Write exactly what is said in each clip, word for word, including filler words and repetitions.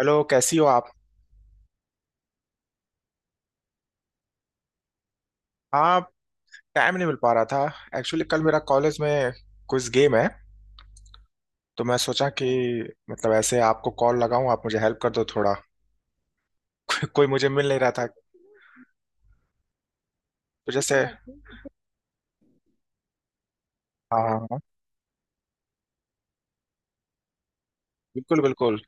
Hello, कैसी हो आप। हाँ। टाइम नहीं मिल पा रहा था। एक्चुअली कल मेरा कॉलेज में कुछ गेम है। तो मैं सोचा कि मतलब ऐसे आपको कॉल लगाऊं आप मुझे हेल्प कर दो थोड़ा। कोई मुझे मिल नहीं रहा था। तो जैसे अच्छा। हाँ हाँ हाँ, बिल्कुल बिल्कुल।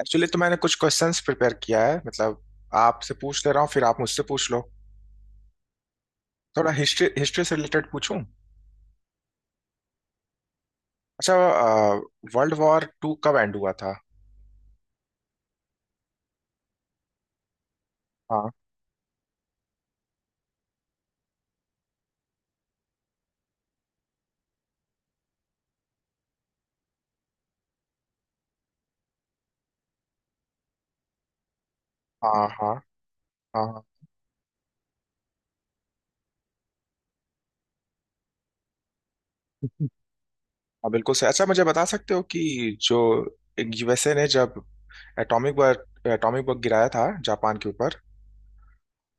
एक्चुअली तो मैंने कुछ क्वेश्चंस प्रिपेयर किया है, मतलब आपसे पूछ ले रहा हूँ फिर आप मुझसे पूछ लो। थोड़ा हिस्ट्री हिस्ट्री से रिलेटेड पूछूं। अच्छा, वर्ल्ड वॉर टू कब एंड हुआ था। हाँ हाँ। हाँ। हाँ हाँ। हाँ, बिल्कुल सही। अच्छा मुझे बता सकते हो कि जो यूएसए ने जब एटॉमिक बॉम्ब एटॉमिक बॉम्ब गिराया था जापान के ऊपर,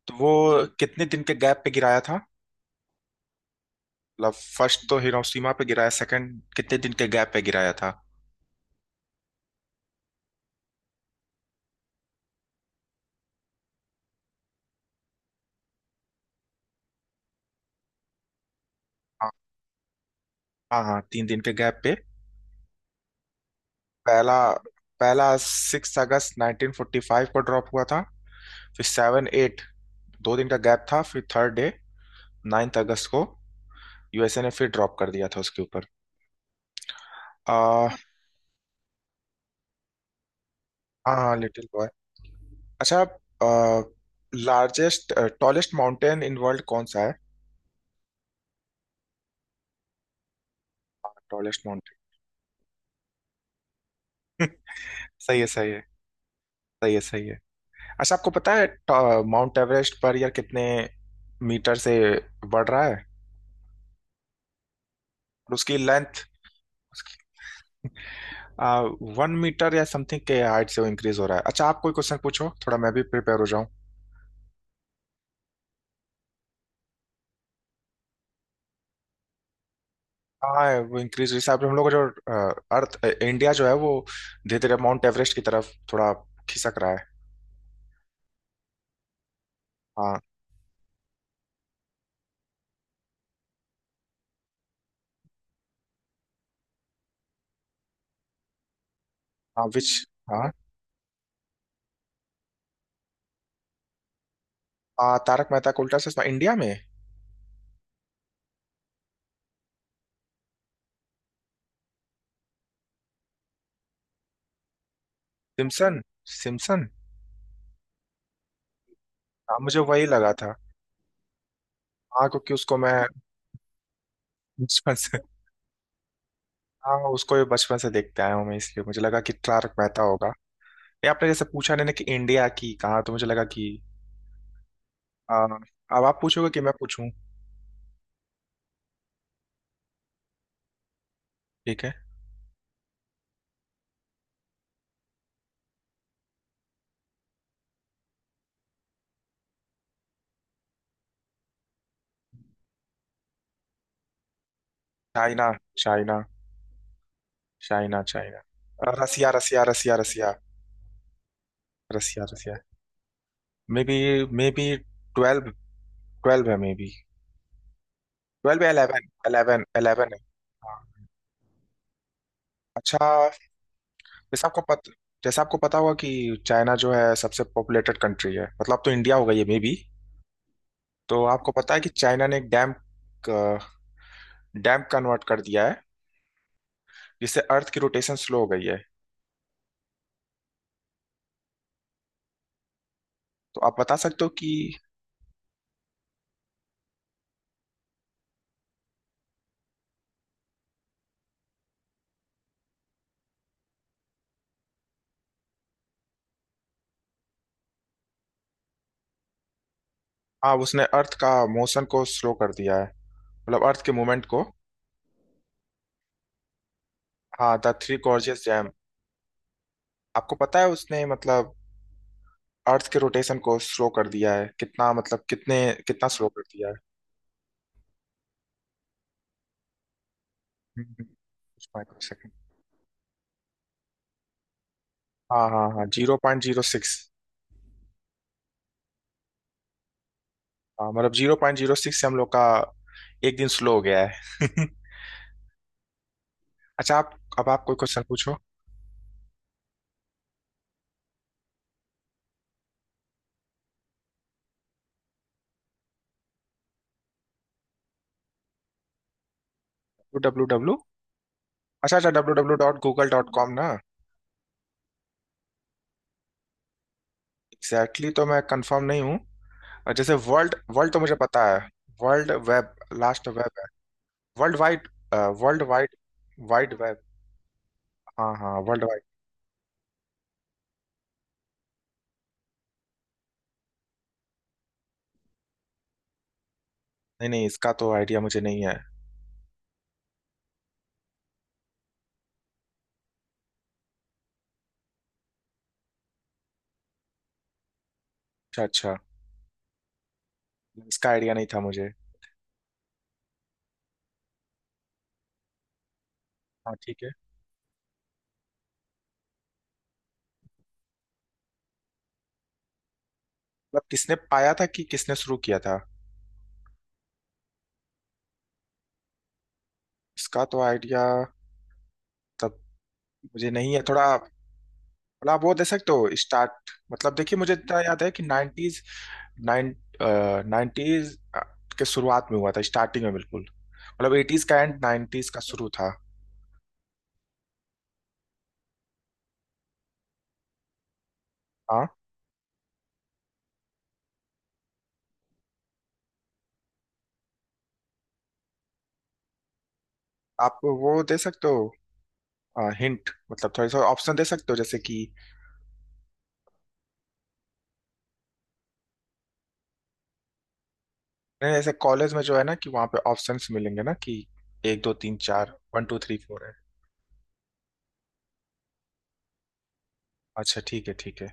तो वो हम्म कितने दिन के गैप पे गिराया था। मतलब फर्स्ट तो हिरोशिमा पे गिराया, सेकंड कितने दिन के गैप पे गिराया था। हाँ। हाँ हाँ, तीन दिन के गैप पे। पहला पहला सिक्स अगस्त नाइन्टीन फोर्टी फाइव को ड्रॉप हुआ था। फिर सेवन एट दो दिन का गैप था, फिर थर्ड डे नाइन्थ अगस्त को यूएसए ने फिर ड्रॉप कर दिया था उसके ऊपर। आ, हाँ लिटिल बॉय। अच्छा, largest tallest mountain in world कौन सा है। टॉलेस्ट। सही है सही है। सही है सही है। अच्छा, आपको पता है ट- माउंट एवरेस्ट पर यार कितने मीटर से बढ़ रहा है और उसकी लेंथ, वन मीटर या समथिंग के हाइट से वो इंक्रीज हो रहा है। अच्छा आप कोई क्वेश्चन पूछो, थोड़ा मैं भी प्रिपेयर हो जाऊं। हाँ, वो इंक्रीज जैसे आप हम लोग का जो अ, अर्थ अ, इंडिया जो है वो धीरे धीरे माउंट एवरेस्ट की तरफ थोड़ा खिसक रहा है। हाँ। हाँ विच हाँ। हाँ तारक मेहता का उल्टा चश्मा इंडिया में। Simpson Simpson. हाँ मुझे वही लगा था। हाँ क्योंकि उसको मैं बचपन से। हाँ उसको भी बचपन से देखते आया हूँ मैं, इसलिए मुझे लगा कि तारक मेहता होगा। ये आपने जैसे पूछा नहीं ना कि इंडिया की, कहा तो मुझे लगा कि आ, अब आप पूछोगे कि मैं पूछूं। ठीक है। चाइना। चाइना। चाइना चाइना, अ, Russia Russia Russia Russia. Russia Russia. Maybe. Maybe. Twelve. Twelve है मे बी। ट्वेल्व या इलेवन इलेवन इलेवन है। हाँ। अच्छा। जैसा आपको पता जैसा आपको पता होगा कि चाइना जो है सबसे पॉपुलेटेड कंट्री है, मतलब अब तो इंडिया होगा ये मे बी। तो आपको पता है कि चाइना ने एक डैम, डैम्प कन्वर्ट कर दिया है, जिससे अर्थ की रोटेशन स्लो हो गई है। तो आप बता सकते हो कि हाँ उसने अर्थ का मोशन को स्लो कर दिया है मतलब अर्थ के मूवमेंट को। हाँ द थ्री गॉर्जियस डैम। आपको पता है उसने मतलब अर्थ के रोटेशन को स्लो कर दिया है, कितना मतलब कितने, कितना स्लो कर दिया है। हम्म, हम्म, कुछ माइक्रो सेकंड। हाँ हाँ हाँ जीरो पॉइंट जीरो सिक्स। हाँ मतलब जीरो पॉइंट जीरो सिक्स से हम लोग का एक दिन स्लो हो गया है। अच्छा आप, अब आप कोई क्वेश्चन पूछो। डब्ल्यू डब्ल्यू अच्छा अच्छा, W W dot Google dot com ना। एग्जैक्टली, exactly तो मैं कंफर्म नहीं हूँ। और जैसे वर्ल्ड वर्ल्ड तो मुझे पता है। वर्ल्ड वेब लास्ट वेब है। World wide. World wide wide web. हाँ हाँ वर्ल्ड वाइड। नहीं नहीं इसका तो आइडिया मुझे नहीं है। अच्छा अच्छा। इसका आइडिया नहीं था मुझे। हाँ ठीक है। मतलब किसने पाया था कि किसने शुरू किया था। इसका तो आइडिया तब मुझे नहीं है थोड़ा। थोड़ा आप वो दे सकते हो स्टार्ट, मतलब देखिए मुझे इतना याद है कि नाइन्टीज। नाइन नाइन्टीज के शुरुआत में हुआ था स्टार्टिंग में बिल्कुल, मतलब एटीज का एंड नाइन्टीज का शुरू था। हाँ आप वो दे सकते हो हिंट, मतलब थोड़ी सा ऑप्शन दे सकते हो जैसे कि नहीं जैसे कॉलेज में जो है ना कि वहाँ पे ऑप्शंस मिलेंगे ना कि एक दो तीन चार, वन टू थ्री फोर है। अच्छा ठीक है ठीक है।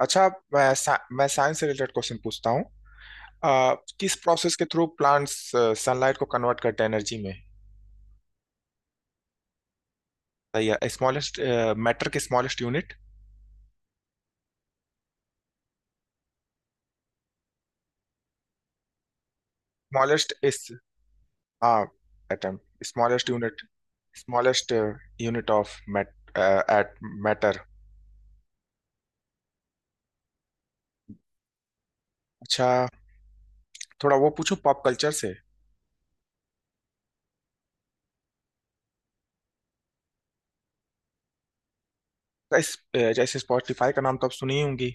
अच्छा अब मैं सा, मैं साइंस से रिलेटेड क्वेश्चन पूछता हूँ। अ, किस प्रोसेस के थ्रू प्लांट्स सनलाइट को कन्वर्ट करते हैं एनर्जी में। सही है। स्मॉलेस्ट, मैटर के स्मॉलेस्ट यूनिट। स्मॉलेस्ट इस, हाँ atom. Smallest unit. Smallest unit of mat at matter. अच्छा, थोड़ा वो पूछूं पॉप कल्चर से। इस, अ, जैसे स्पॉटिफाई का नाम तो आप सुनी ही होंगी।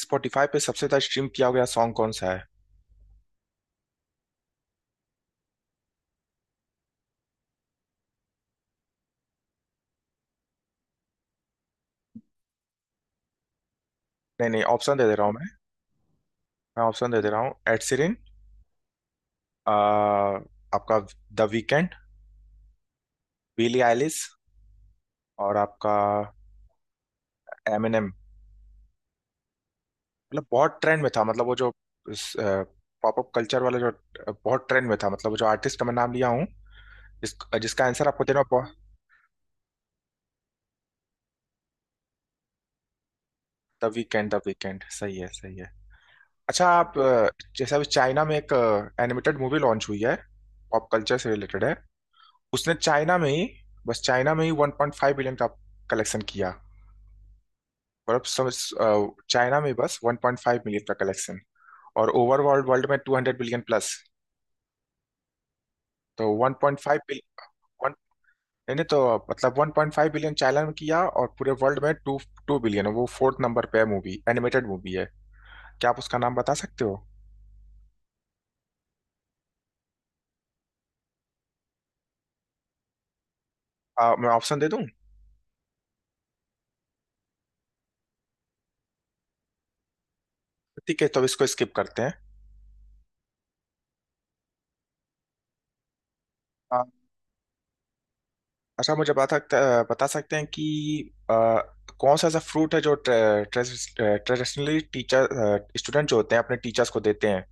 स्पॉटिफाई पे सबसे ज्यादा स्ट्रीम किया गया सॉन्ग कौन सा है। नहीं नहीं, ऑप्शन दे दे रहा हूँ मैं मैं ऑप्शन दे दे रहा हूँ। एड सीरिन, आपका, द वीकेंड, बिली आइलिस, और आपका एमिनेम। मतलब बहुत ट्रेंड में था, मतलब वो जो पॉपअप कल्चर वाला जो अ, बहुत ट्रेंड में था, मतलब वो जो आर्टिस्ट का मैं नाम लिया हूँ जिस, जिसका आंसर आपको देना। द वीकेंड, द वीकेंड सही है सही है। अच्छा आप अ, जैसे अभी चाइना में एक एनिमेटेड मूवी लॉन्च हुई है, पॉप कल्चर से रिलेटेड है। उसने चाइना में ही, बस चाइना में ही वन पॉइंट फाइव बिलियन का कलेक्शन किया और अब समझ, अ, चाइना में बस वन पॉइंट फाइव मिलियन का कलेक्शन, और ओवर वर्ल्ड वर्ल्ड में टू हंड्रेड बिलियन प्लस, तो one point five billion. One नहीं नहीं, तो मतलब one point five billion China में किया और पूरे वर्ल्ड में टू टू बिलियन, वो फोर्थ नंबर पे है मूवी, एनिमेटेड मूवी है। क्या आप उसका नाम बता सकते हो। आ, मैं ऑप्शन दे, ठीक है तो अब इसको स्किप करते हैं। आ, अच्छा मुझे बता सकते, बता सकते हैं कि आ, कौन सा ऐसा फ्रूट है जो ट्रेडिशनली टीचर स्टूडेंट जो होते हैं अपने टीचर्स को देते हैं।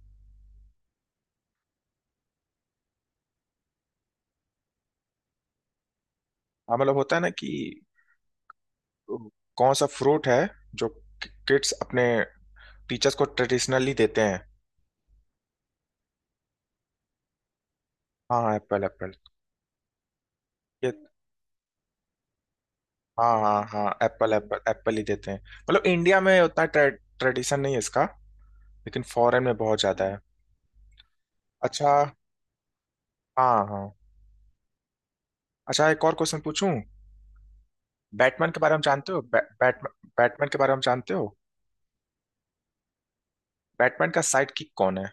हाँ मतलब होता है ना कि कौन सा फ्रूट है जो किड्स अपने टीचर्स को ट्रेडिशनली देते हैं। हाँ एप्पल एप्पल ये, हाँ हाँ हाँ एप्पल एप्पल एप्पल ही देते हैं, मतलब इंडिया में उतना ट्रेडिशन नहीं है इसका, लेकिन फॉरेन में बहुत ज्यादा है। अच्छा हाँ हाँ। अच्छा एक और क्वेश्चन पूछूं। बैटमैन के बारे में जानते हो बै, बैट, बैटमैन के बारे में जानते हो, बैटमैन का साइड किक कौन है।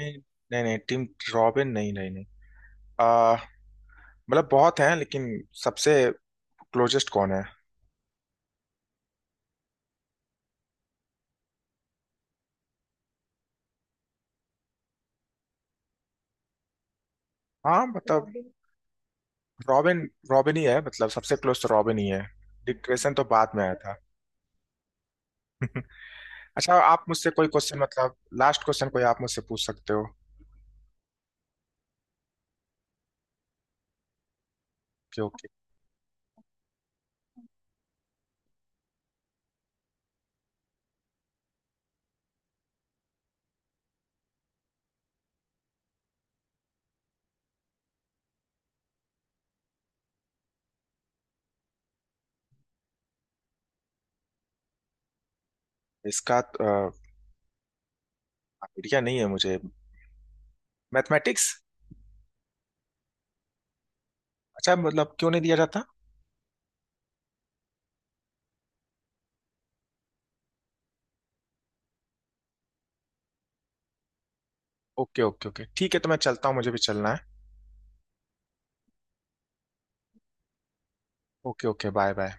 नहीं नहीं नहीं टिम, रॉबिन नहीं नहीं नहीं, आ, मतलब बहुत हैं लेकिन सबसे क्लोजेस्ट कौन है। हाँ मतलब रॉबिन रॉबिन रॉबिन ही है, मतलब सबसे क्लोज तो रॉबिन ही है। डिक ग्रेसन तो बाद में आया था। अच्छा आप मुझसे कोई क्वेश्चन मतलब, लास्ट क्वेश्चन कोई आप मुझसे पूछ सकते हो। क्योंकि इसका आइडिया नहीं है मुझे। मैथमेटिक्स। अच्छा मतलब क्यों नहीं दिया जाता। ओके ओके ओके ठीक है तो मैं चलता हूँ मुझे भी चलना है। Okay okay bye bye.